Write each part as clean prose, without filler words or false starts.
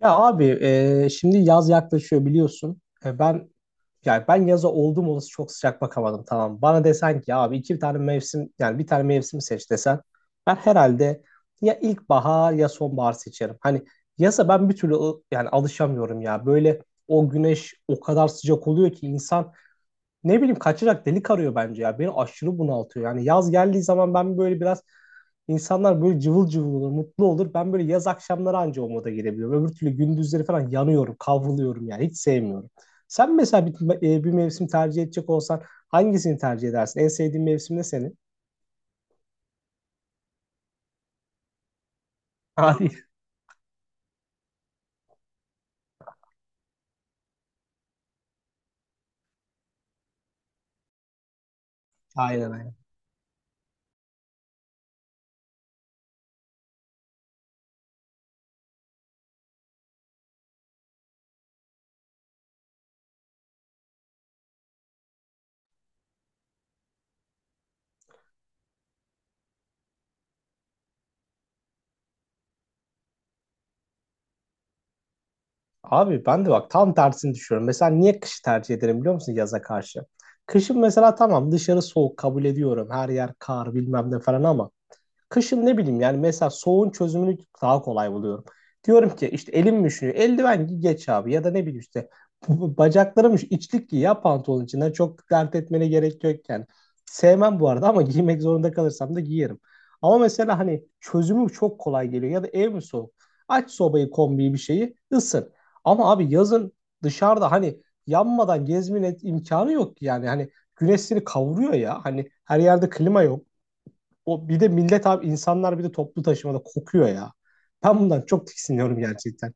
Ya abi, şimdi yaz yaklaşıyor biliyorsun. Ben yaza oldum olası çok sıcak bakamadım, tamam. Bana desen ki abi iki tane mevsim, yani bir tane mevsim seç desen, ben herhalde ya ilkbahar ya sonbahar seçerim. Hani yaza ben bir türlü yani alışamıyorum ya. Böyle o güneş o kadar sıcak oluyor ki insan ne bileyim kaçacak delik arıyor bence ya. Beni aşırı bunaltıyor. Yani yaz geldiği zaman ben böyle biraz, insanlar böyle cıvıl cıvıl olur, mutlu olur. Ben böyle yaz akşamları anca o moda girebiliyorum. Öbür türlü gündüzleri falan yanıyorum, kavruluyorum yani. Hiç sevmiyorum. Sen mesela bir, bir mevsim tercih edecek olsan hangisini tercih edersin? En sevdiğin mevsim ne senin? Abi, aynen aynen. Abi ben de bak tam tersini düşünüyorum. Mesela niye kışı tercih ederim biliyor musun yaza karşı? Kışın mesela tamam, dışarı soğuk, kabul ediyorum. Her yer kar bilmem ne falan ama kışın ne bileyim yani mesela soğuğun çözümünü daha kolay buluyorum. Diyorum ki işte elim üşüyor, eldiven giy geç abi, ya da ne bileyim işte bacaklarım üşüyor, İçlik giy ya pantolon içinden, çok dert etmene gerek yok yani. Sevmem bu arada ama giymek zorunda kalırsam da giyerim. Ama mesela hani çözümü çok kolay geliyor. Ya da ev mi soğuk? Aç sobayı, kombiyi, bir şeyi, ısın. Ama abi yazın dışarıda hani yanmadan gezmenin imkanı yok ki yani. Hani güneş seni kavuruyor ya. Hani her yerde klima yok. O bir de millet abi, insanlar bir de toplu taşımada kokuyor ya. Ben bundan çok tiksiniyorum gerçekten.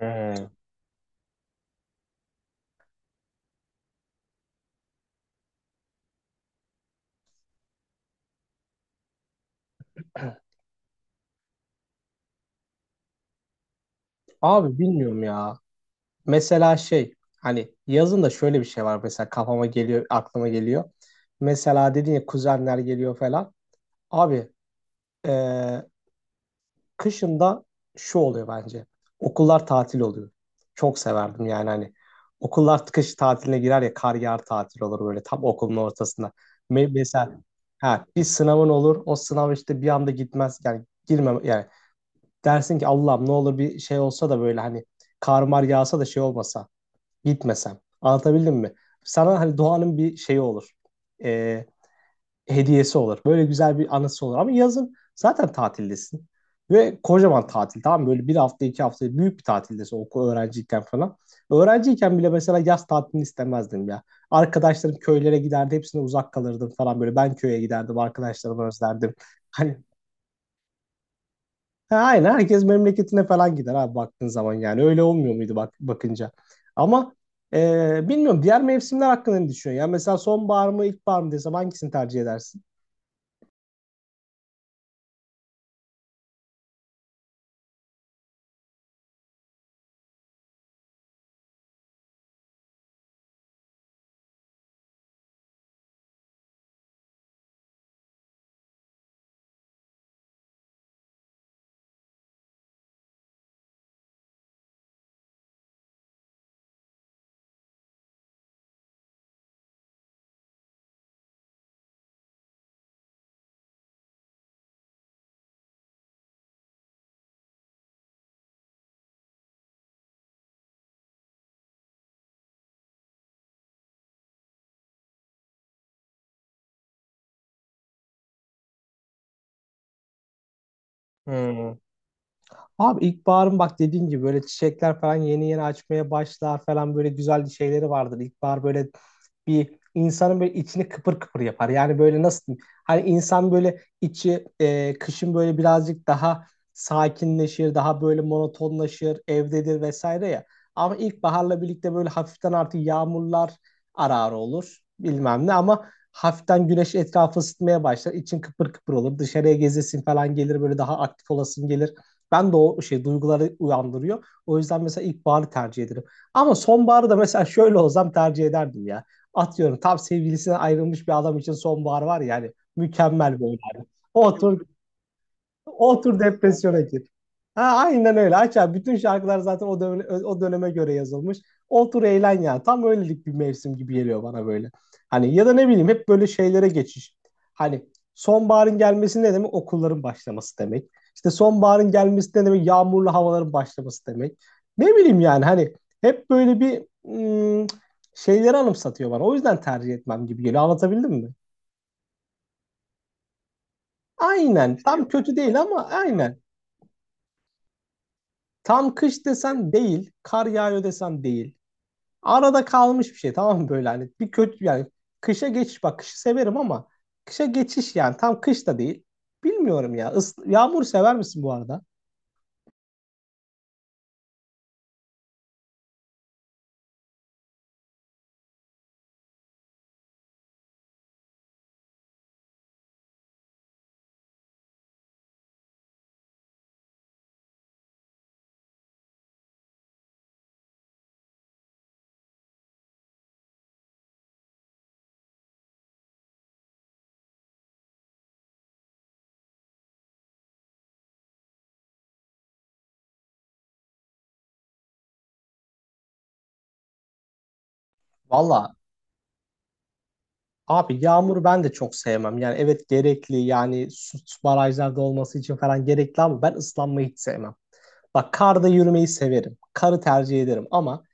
Hmm. Abi bilmiyorum ya. Mesela şey, hani yazın da şöyle bir şey var mesela, kafama geliyor, aklıma geliyor. Mesela dedin ya kuzenler geliyor falan. Abi, e, kışında şu oluyor bence. Okullar tatil oluyor. Çok severdim yani hani. Okullar kış tatiline girer ya, kar yağar tatil olur böyle tam okulun ortasında. Mesela ha, bir sınavın olur, o sınav işte bir anda gitmez, yani girmem yani, dersin ki Allah'ım ne olur bir şey olsa da böyle hani kar mar yağsa da şey olmasa, gitmesem, anlatabildim mi? Sana hani doğanın bir şeyi olur, Ee, hediyesi olur. Böyle güzel bir anısı olur. Ama yazın zaten tatildesin. Ve kocaman tatil, tamam mı? Böyle bir hafta iki hafta büyük bir tatildesin okul öğrenciyken falan. Öğrenciyken bile mesela yaz tatilini istemezdim ya. Arkadaşlarım köylere giderdi, hepsine uzak kalırdım falan böyle. Ben köye giderdim, arkadaşlarımı özlerdim. Hani ha, aynen herkes memleketine falan gider abi baktığın zaman, yani öyle olmuyor muydu bak bakınca. Ama bilmiyorum, diğer mevsimler hakkında ne düşünüyorsun? Yani mesela sonbahar mı ilkbahar mı desem hangisini tercih edersin? Hmm. Abi ilkbaharın bak dediğin gibi böyle çiçekler falan yeni yeni açmaya başlar falan, böyle güzel şeyleri vardır. İlkbahar böyle bir insanın böyle içini kıpır kıpır yapar. Yani böyle nasıl diyeyim? Hani insan böyle içi kışın böyle birazcık daha sakinleşir, daha böyle monotonlaşır, evdedir vesaire ya. Ama ilkbaharla birlikte böyle hafiften artık yağmurlar arar olur bilmem ne, ama hafiften güneş etrafı ısıtmaya başlar. İçin kıpır kıpır olur. Dışarıya gezesin falan gelir, böyle daha aktif olasın gelir. Ben de o şey duyguları uyandırıyor. O yüzden mesela ilkbaharı tercih ederim. Ama sonbaharı da mesela şöyle olsam tercih ederdim ya. Atıyorum tam sevgilisinden ayrılmış bir adam için sonbahar var ya hani, mükemmel böyle. Yani. Otur, o otur depresyona gir. Ha, aynen öyle. Aç abi. Bütün şarkılar zaten o döneme, o döneme göre yazılmış. Otur eğlen ya. Tam öylelik bir mevsim gibi geliyor bana böyle. Hani ya da ne bileyim hep böyle şeylere geçiş. Hani sonbaharın gelmesi ne demek? Okulların başlaması demek. İşte sonbaharın gelmesi ne demek? Yağmurlu havaların başlaması demek. Ne bileyim yani hani hep böyle bir ım, şeyleri anımsatıyor bana. O yüzden tercih etmem gibi geliyor. Anlatabildim mi? Aynen. Şey, tam kötü değil ama aynen. Tam kış desen değil, kar yağıyor desen değil. Arada kalmış bir şey, tamam mı, böyle hani bir kötü yani. Kışa geçiş, bak kışı severim ama kışa geçiş yani tam kış da değil. Bilmiyorum ya. Is yağmur sever misin bu arada? Valla abi yağmuru ben de çok sevmem. Yani evet gerekli, yani su, su barajlarda olması için falan gerekli, ama ben ıslanmayı hiç sevmem. Bak karda yürümeyi severim. Karı tercih ederim ama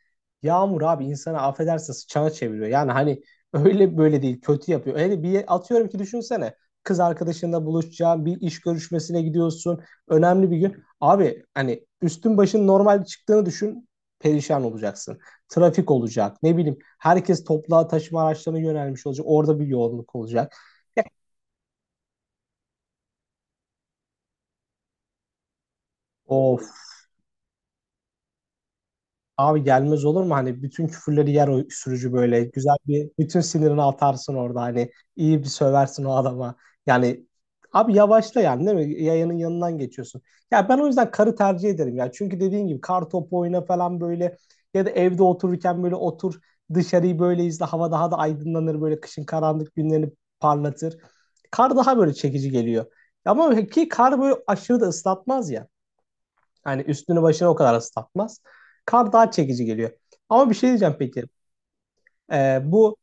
yağmur abi, insana affedersin sıçana çeviriyor. Yani hani öyle böyle değil, kötü yapıyor. Öyle bir atıyorum ki, düşünsene kız arkadaşınla buluşacağın bir iş görüşmesine gidiyorsun. Önemli bir gün. Abi hani üstün başın normal çıktığını düşün, perişan olacaksın. Trafik olacak, ne bileyim herkes toplu taşıma araçlarına yönelmiş olacak. Orada bir yoğunluk olacak. Of. Abi gelmez olur mu? Hani bütün küfürleri yer o sürücü böyle. Güzel bir, bütün sinirini atarsın orada. Hani iyi bir söversin o adama. Yani abi yavaşla yani, değil mi? Yayanın yanından geçiyorsun. Ya ben o yüzden karı tercih ederim ya. Çünkü dediğin gibi kar topu oyna falan böyle, ya da evde otururken böyle otur, dışarıyı böyle izle. Hava daha da aydınlanır, böyle kışın karanlık günlerini parlatır. Kar daha böyle çekici geliyor. Ama ki kar böyle aşırı da ıslatmaz ya. Yani üstünü başına o kadar ıslatmaz. Kar daha çekici geliyor. Ama bir şey diyeceğim peki. Bu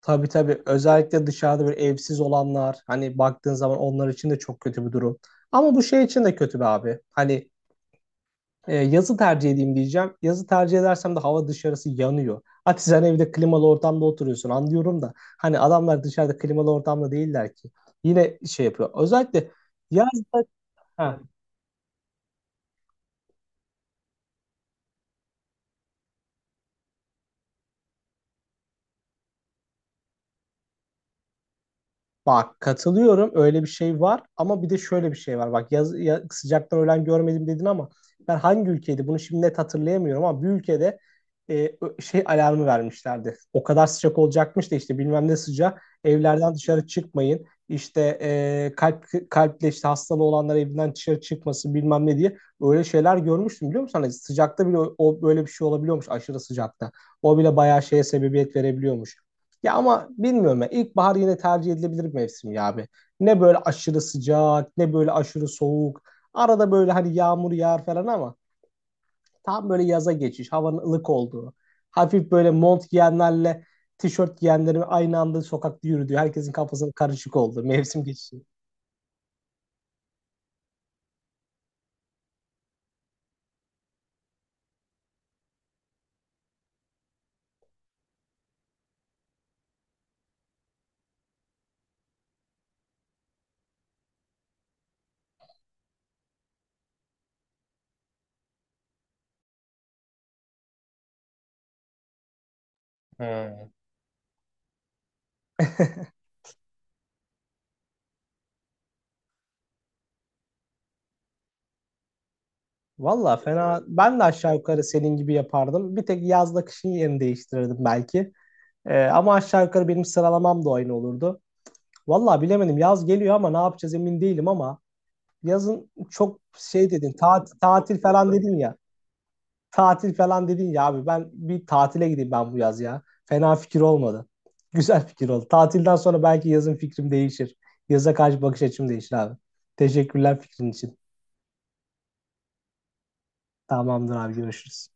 tabii tabii, özellikle dışarıda bir evsiz olanlar, hani baktığın zaman onlar için de çok kötü bir durum. Ama bu şey için de kötü be abi. Hani yazı tercih edeyim diyeceğim. Yazı tercih edersem de hava dışarısı yanıyor. Hadi sen evde klimalı ortamda oturuyorsun anlıyorum da, hani adamlar dışarıda klimalı ortamda değiller ki. Yine şey yapıyor. Özellikle yazda. Heh. Bak katılıyorum, öyle bir şey var, ama bir de şöyle bir şey var. Bak yaz, sıcaktan ölen görmedim dedin ama ben hangi ülkeydi bunu şimdi net hatırlayamıyorum, ama bir ülkede şey alarmı vermişlerdi. O kadar sıcak olacakmış da, işte bilmem ne sıcak, evlerden dışarı çıkmayın, İşte kalple işte hastalığı olanlar evinden dışarı çıkmasın bilmem ne diye, öyle şeyler görmüştüm biliyor musun? Hani sıcakta bile o, o böyle bir şey olabiliyormuş aşırı sıcakta. O bile bayağı şeye sebebiyet verebiliyormuş. Ya ama bilmiyorum ya. İlkbahar yine tercih edilebilir bir mevsim ya abi. Ne böyle aşırı sıcak, ne böyle aşırı soğuk. Arada böyle hani yağmur yağar falan ama tam böyle yaza geçiş, havanın ılık olduğu. Hafif böyle mont giyenlerle tişört giyenlerin aynı anda sokakta yürüdüğü, herkesin kafasının karışık olduğu mevsim geçişi. Valla fena. Ben de aşağı yukarı senin gibi yapardım. Bir tek yazla kışın yerini değiştirirdim belki. Ama aşağı yukarı benim sıralamam da aynı olurdu. Valla bilemedim. Yaz geliyor ama ne yapacağız emin değilim ama, yazın çok şey dedin, tatil, tatil falan dedin ya. Tatil falan dedin ya abi, ben bir tatile gideyim ben bu yaz ya. Fena fikir olmadı. Güzel fikir oldu. Tatilden sonra belki yazın fikrim değişir. Yaza karşı bakış açım değişir abi. Teşekkürler fikrin için. Tamamdır abi, görüşürüz.